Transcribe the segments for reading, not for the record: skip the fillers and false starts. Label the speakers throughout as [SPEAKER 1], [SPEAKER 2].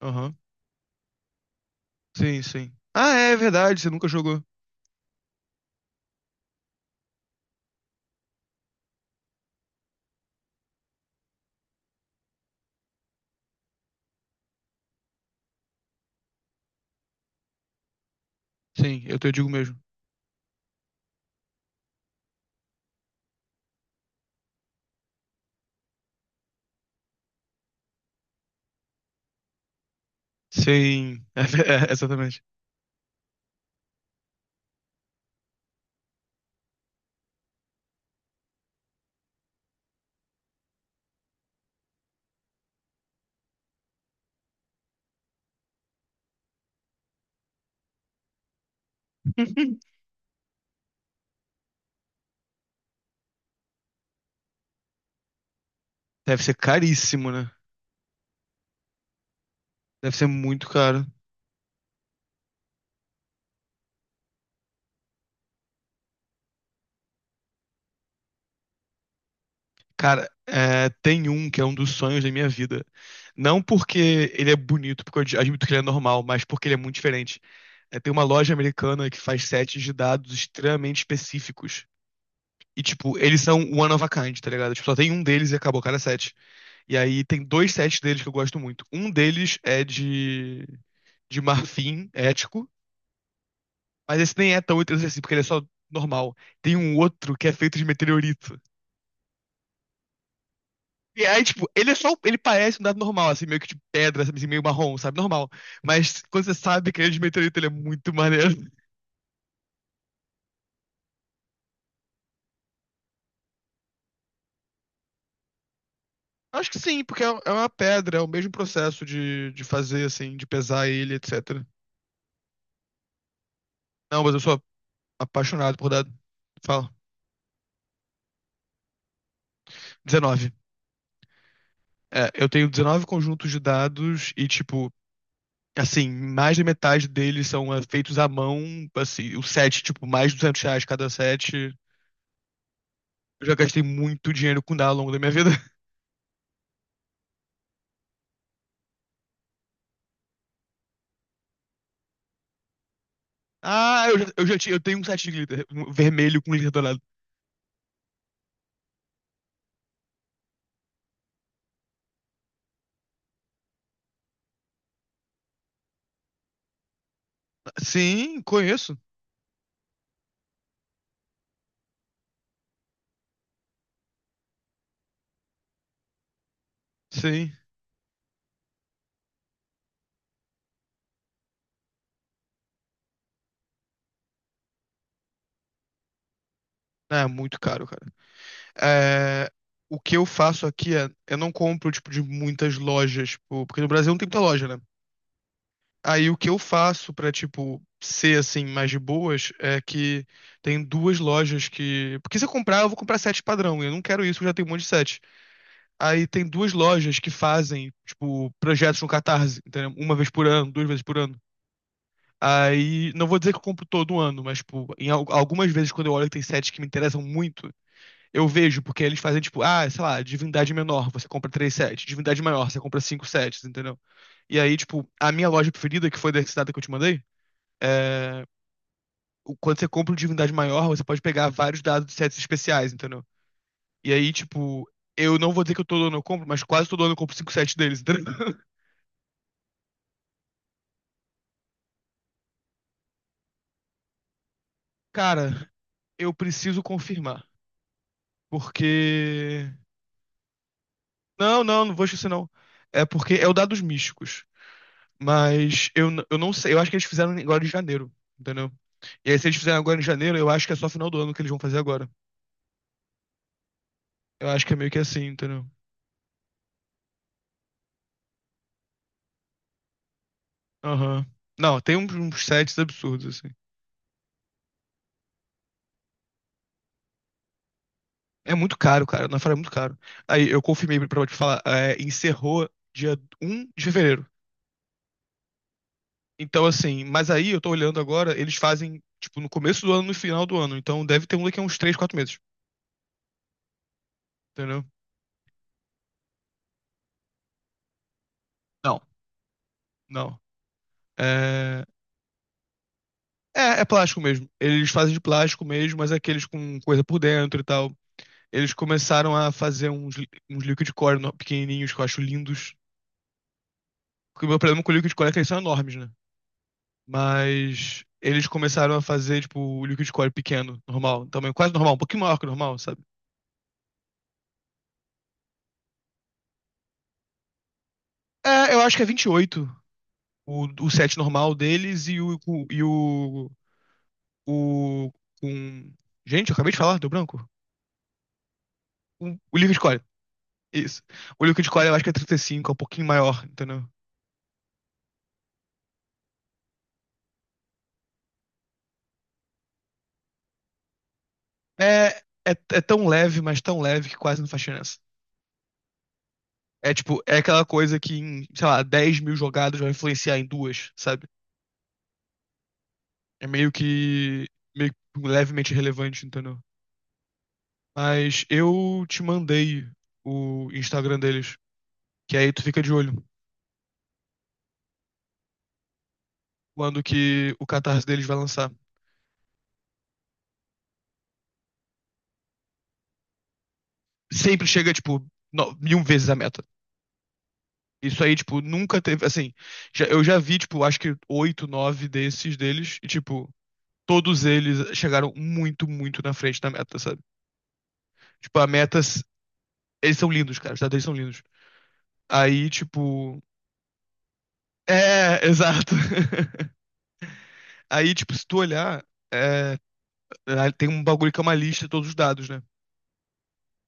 [SPEAKER 1] Aham. Sim, sim. Ah, é verdade, você nunca jogou. Sim, eu te digo mesmo. Sim, exatamente. Deve ser caríssimo, né? Deve ser muito caro. Cara, é, tem um que é um dos sonhos da minha vida. Não porque ele é bonito, porque eu admito que ele é normal, mas porque ele é muito diferente. É, tem uma loja americana que faz sets de dados extremamente específicos. E, tipo, eles são one of a kind, tá ligado? Tipo, só tem um deles e acabou, cada set. E aí tem dois sets deles que eu gosto muito. Um deles é de marfim ético, mas esse nem é tão interessante assim, porque ele é só normal. Tem um outro que é feito de meteorito. E aí, tipo, ele é só. Ele parece um dado normal, assim, meio que de pedra, sabe, assim, meio marrom, sabe? Normal. Mas quando você sabe que ele é de meteorito, ele é muito maneiro. Acho que sim, porque é uma pedra, é o mesmo processo de fazer, assim, de pesar ele, etc. Não, mas eu sou apaixonado por dados. Fala. 19. É, eu tenho 19 conjuntos de dados e, tipo, assim, mais da metade deles são feitos à mão. Assim, o set, tipo, mais de R$ 200 cada set. Eu já gastei muito dinheiro com dado ao longo da minha vida. Ah, eu tenho um set de glitter um vermelho com glitter dourado. Sim, conheço. Sim. Ah, é muito caro, cara. É, o que eu faço aqui é, eu não compro, tipo, de muitas lojas, tipo, porque no Brasil não tem muita loja, né? Aí o que eu faço pra, tipo, ser assim, mais de boas, é que tem duas lojas que. Porque se eu comprar, eu vou comprar sete padrão. E eu não quero isso, eu já tenho um monte de sete. Aí tem duas lojas que fazem, tipo, projetos no Catarse, entendeu? Uma vez por ano, duas vezes por ano. Aí, não vou dizer que eu compro todo ano, mas, tipo, em algumas vezes quando eu olho que tem sets que me interessam muito, eu vejo, porque eles fazem, tipo, ah, sei lá, divindade menor, você compra três sets, divindade maior, você compra cinco sets, entendeu? E aí, tipo, a minha loja preferida, que foi da cidade que eu te mandei, é, quando você compra um divindade maior, você pode pegar vários dados de sets especiais, entendeu? E aí, tipo, eu não vou dizer que todo ano eu compro, mas quase todo ano eu compro 5 sets deles, entendeu? Cara, eu preciso confirmar. Porque. Não, não, não vou esquecer, não. É porque é o dados místicos. Mas eu não sei. Eu acho que eles fizeram agora em janeiro, entendeu? E aí, se eles fizeram agora em janeiro, eu acho que é só final do ano que eles vão fazer agora. Eu acho que é meio que assim, entendeu? Aham. Não, tem uns sets absurdos, assim. É muito caro, cara. Na Naufrágio é muito caro. Aí eu confirmei pra te falar, encerrou dia um de fevereiro. Então, assim, mas aí eu tô olhando agora, eles fazem, tipo, no começo do ano e no final do ano. Então deve ter um daqui a uns 3, 4 meses. Entendeu? Não. Não. É... é plástico mesmo. Eles fazem de plástico mesmo, mas é aqueles com coisa por dentro e tal. Eles começaram a fazer uns liquid core pequenininhos que eu acho lindos. Porque o meu problema com o liquid core é que eles são enormes, né? Mas eles começaram a fazer, tipo, o liquid core pequeno, normal, tamanho quase normal, um pouquinho maior que o normal, sabe? É, eu acho que é 28 o set normal deles o, com... Gente, eu acabei de falar, deu branco. O liquid core, isso. O liquid core eu acho que é 35, é um pouquinho maior, entendeu? É, é tão leve, mas tão leve que quase não faz diferença. É tipo, é aquela coisa que em, sei lá, 10.000 jogadas vai influenciar em duas, sabe? É meio que levemente relevante, entendeu? Mas eu te mandei o Instagram deles, que aí tu fica de olho quando que o Catarse deles vai lançar. Sempre chega, tipo, mil vezes a meta. Isso aí, tipo, nunca teve, assim, eu já vi, tipo, acho que oito, nove desses deles, e, tipo, todos eles chegaram muito, muito na frente da meta, sabe? Tipo, a meta, eles são lindos, cara, os dados deles são lindos. Aí, tipo, é, exato. Aí, tipo, se tu olhar, é, lá tem um bagulho que é uma lista de todos os dados, né?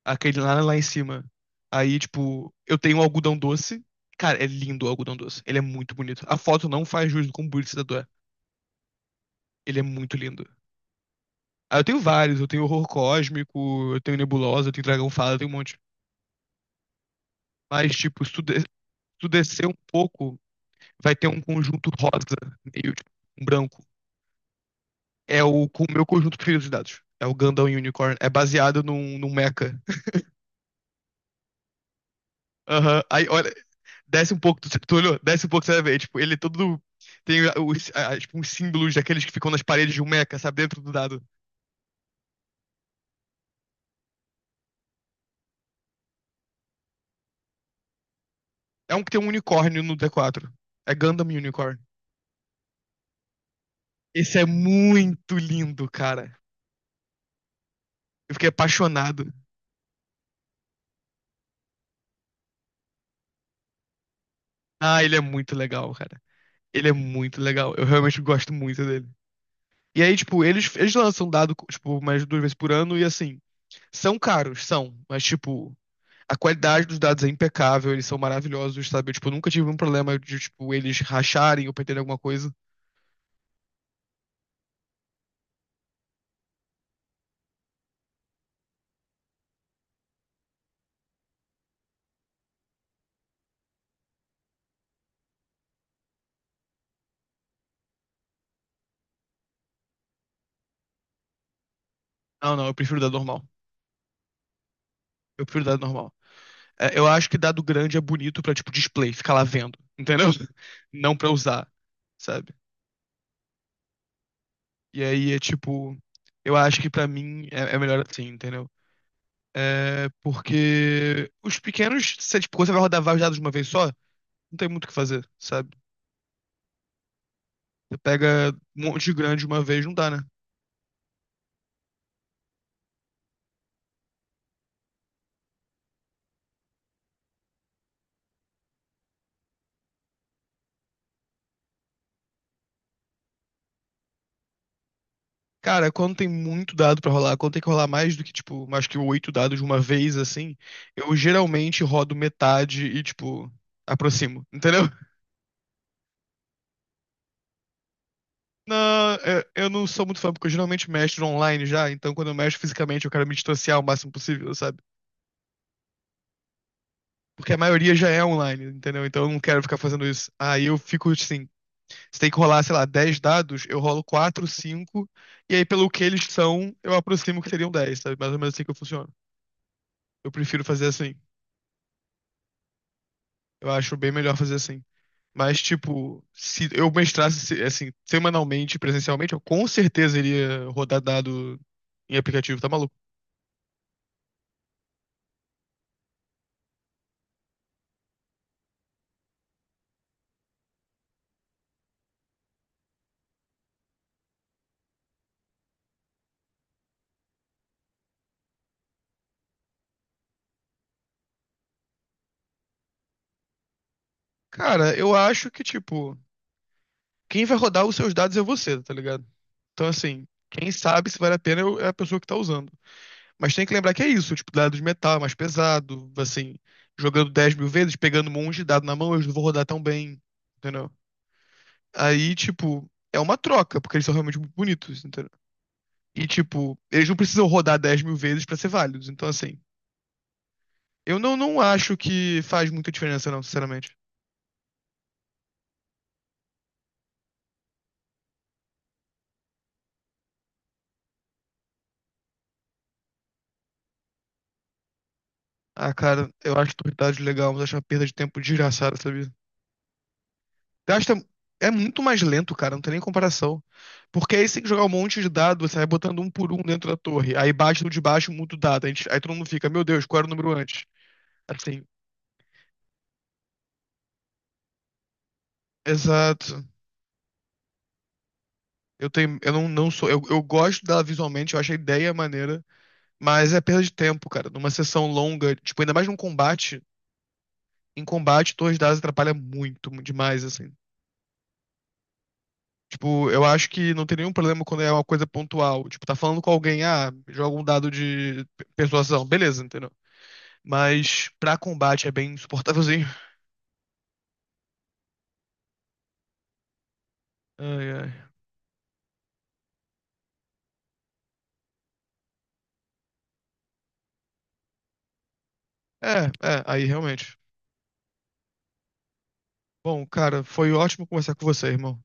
[SPEAKER 1] Aquele lá, lá em cima. Aí, tipo, eu tenho um algodão doce. Cara, é lindo o algodão doce. Ele é muito bonito. A foto não faz jus do quão bonito esse tatu é. Ele é muito lindo. Aí eu tenho vários. Eu tenho horror cósmico, eu tenho nebulosa, eu tenho dragão fada, eu tenho um monte. Mas, tipo, se tu descer um pouco, vai ter um conjunto rosa, meio tipo, um branco. É o, com o meu conjunto preferido de dados. É o Gundam Unicorn. É baseado num mecha. Aham. Aí, olha, desce um pouco, tu olhou? Desce um pouco, você vai ver. Tipo, ele é todo. Tem tipo, uns símbolos daqueles que ficam nas paredes de um mecha, sabe? Dentro do dado. É um que tem um unicórnio no D4. É Gundam Unicorn. Esse é muito lindo, cara. Eu fiquei apaixonado. Ah, ele é muito legal, cara. Ele é muito legal. Eu realmente gosto muito dele. E aí, tipo, eles lançam um dado, tipo, mais duas vezes por ano e assim. São caros, são. Mas, tipo, a qualidade dos dados é impecável, eles são maravilhosos, sabe? Eu, tipo, nunca tive um problema de, tipo, eles racharem ou perderem alguma coisa. Não, não, eu prefiro dado normal. Eu prefiro dado normal. É, eu acho que dado grande é bonito pra, tipo, display, ficar lá vendo, entendeu? Não pra usar, sabe? E aí é, tipo, eu acho que pra mim é melhor assim, entendeu? É porque os pequenos, você, tipo, quando você vai rodar vários dados de uma vez só, não tem muito o que fazer, sabe? Você pega um monte de grande de uma vez, não dá, né? Cara, quando tem muito dado pra rolar, quando tem que rolar mais do que, tipo, mais que oito dados de uma vez, assim, eu geralmente rodo metade e, tipo, aproximo, entendeu? Não, eu não sou muito fã, porque eu geralmente mestro online já, então quando eu mestro fisicamente eu quero me distanciar o máximo possível, sabe? Porque a maioria já é online, entendeu? Então eu não quero ficar fazendo isso. Aí eu fico assim, se tem que rolar, sei lá, 10 dados, eu rolo 4, 5 e aí pelo que eles são, eu aproximo que seriam 10, sabe? Mais ou menos assim que eu funciono. Eu prefiro fazer assim. Eu acho bem melhor fazer assim. Mas, tipo, se eu mestrasse assim, semanalmente, presencialmente, eu com certeza iria rodar dado em aplicativo, tá maluco? Cara, eu acho que, tipo, quem vai rodar os seus dados é você, tá ligado? Então, assim, quem sabe se vale a pena é a pessoa que tá usando. Mas tem que lembrar que é isso, tipo, dado de metal, é mais pesado, assim, jogando 10.000 vezes, pegando um monte de dado na mão, eu não vou rodar tão bem, entendeu? Aí, tipo, é uma troca, porque eles são realmente muito bonitos, entendeu? E, tipo, eles não precisam rodar 10.000 vezes pra ser válidos. Então, assim, eu não, não acho que faz muita diferença, não, sinceramente. Ah, cara, eu acho Torridade legal, mas acho uma perda de tempo desgraçada, sabe? Gasta. É muito mais lento, cara, não tem nem comparação. Porque aí você tem que jogar um monte de dado, você vai botando um por um dentro da torre. Aí bate no de baixo, muda o dado. Aí, aí todo mundo fica, meu Deus, qual era o número antes? Assim, exato. Eu tenho. Eu não, não sou. Eu gosto dela visualmente, eu acho a ideia maneira. Mas é perda de tempo, cara. Numa sessão longa, tipo, ainda mais num combate. Em combate, torres dadas atrapalha muito, demais, assim. Tipo, eu acho que não tem nenhum problema quando é uma coisa pontual. Tipo, tá falando com alguém, ah, joga um dado de persuasão. Beleza, entendeu? Mas pra combate é bem insuportávelzinho. Ai, ai. É, aí realmente. Bom, cara, foi ótimo conversar com você, irmão.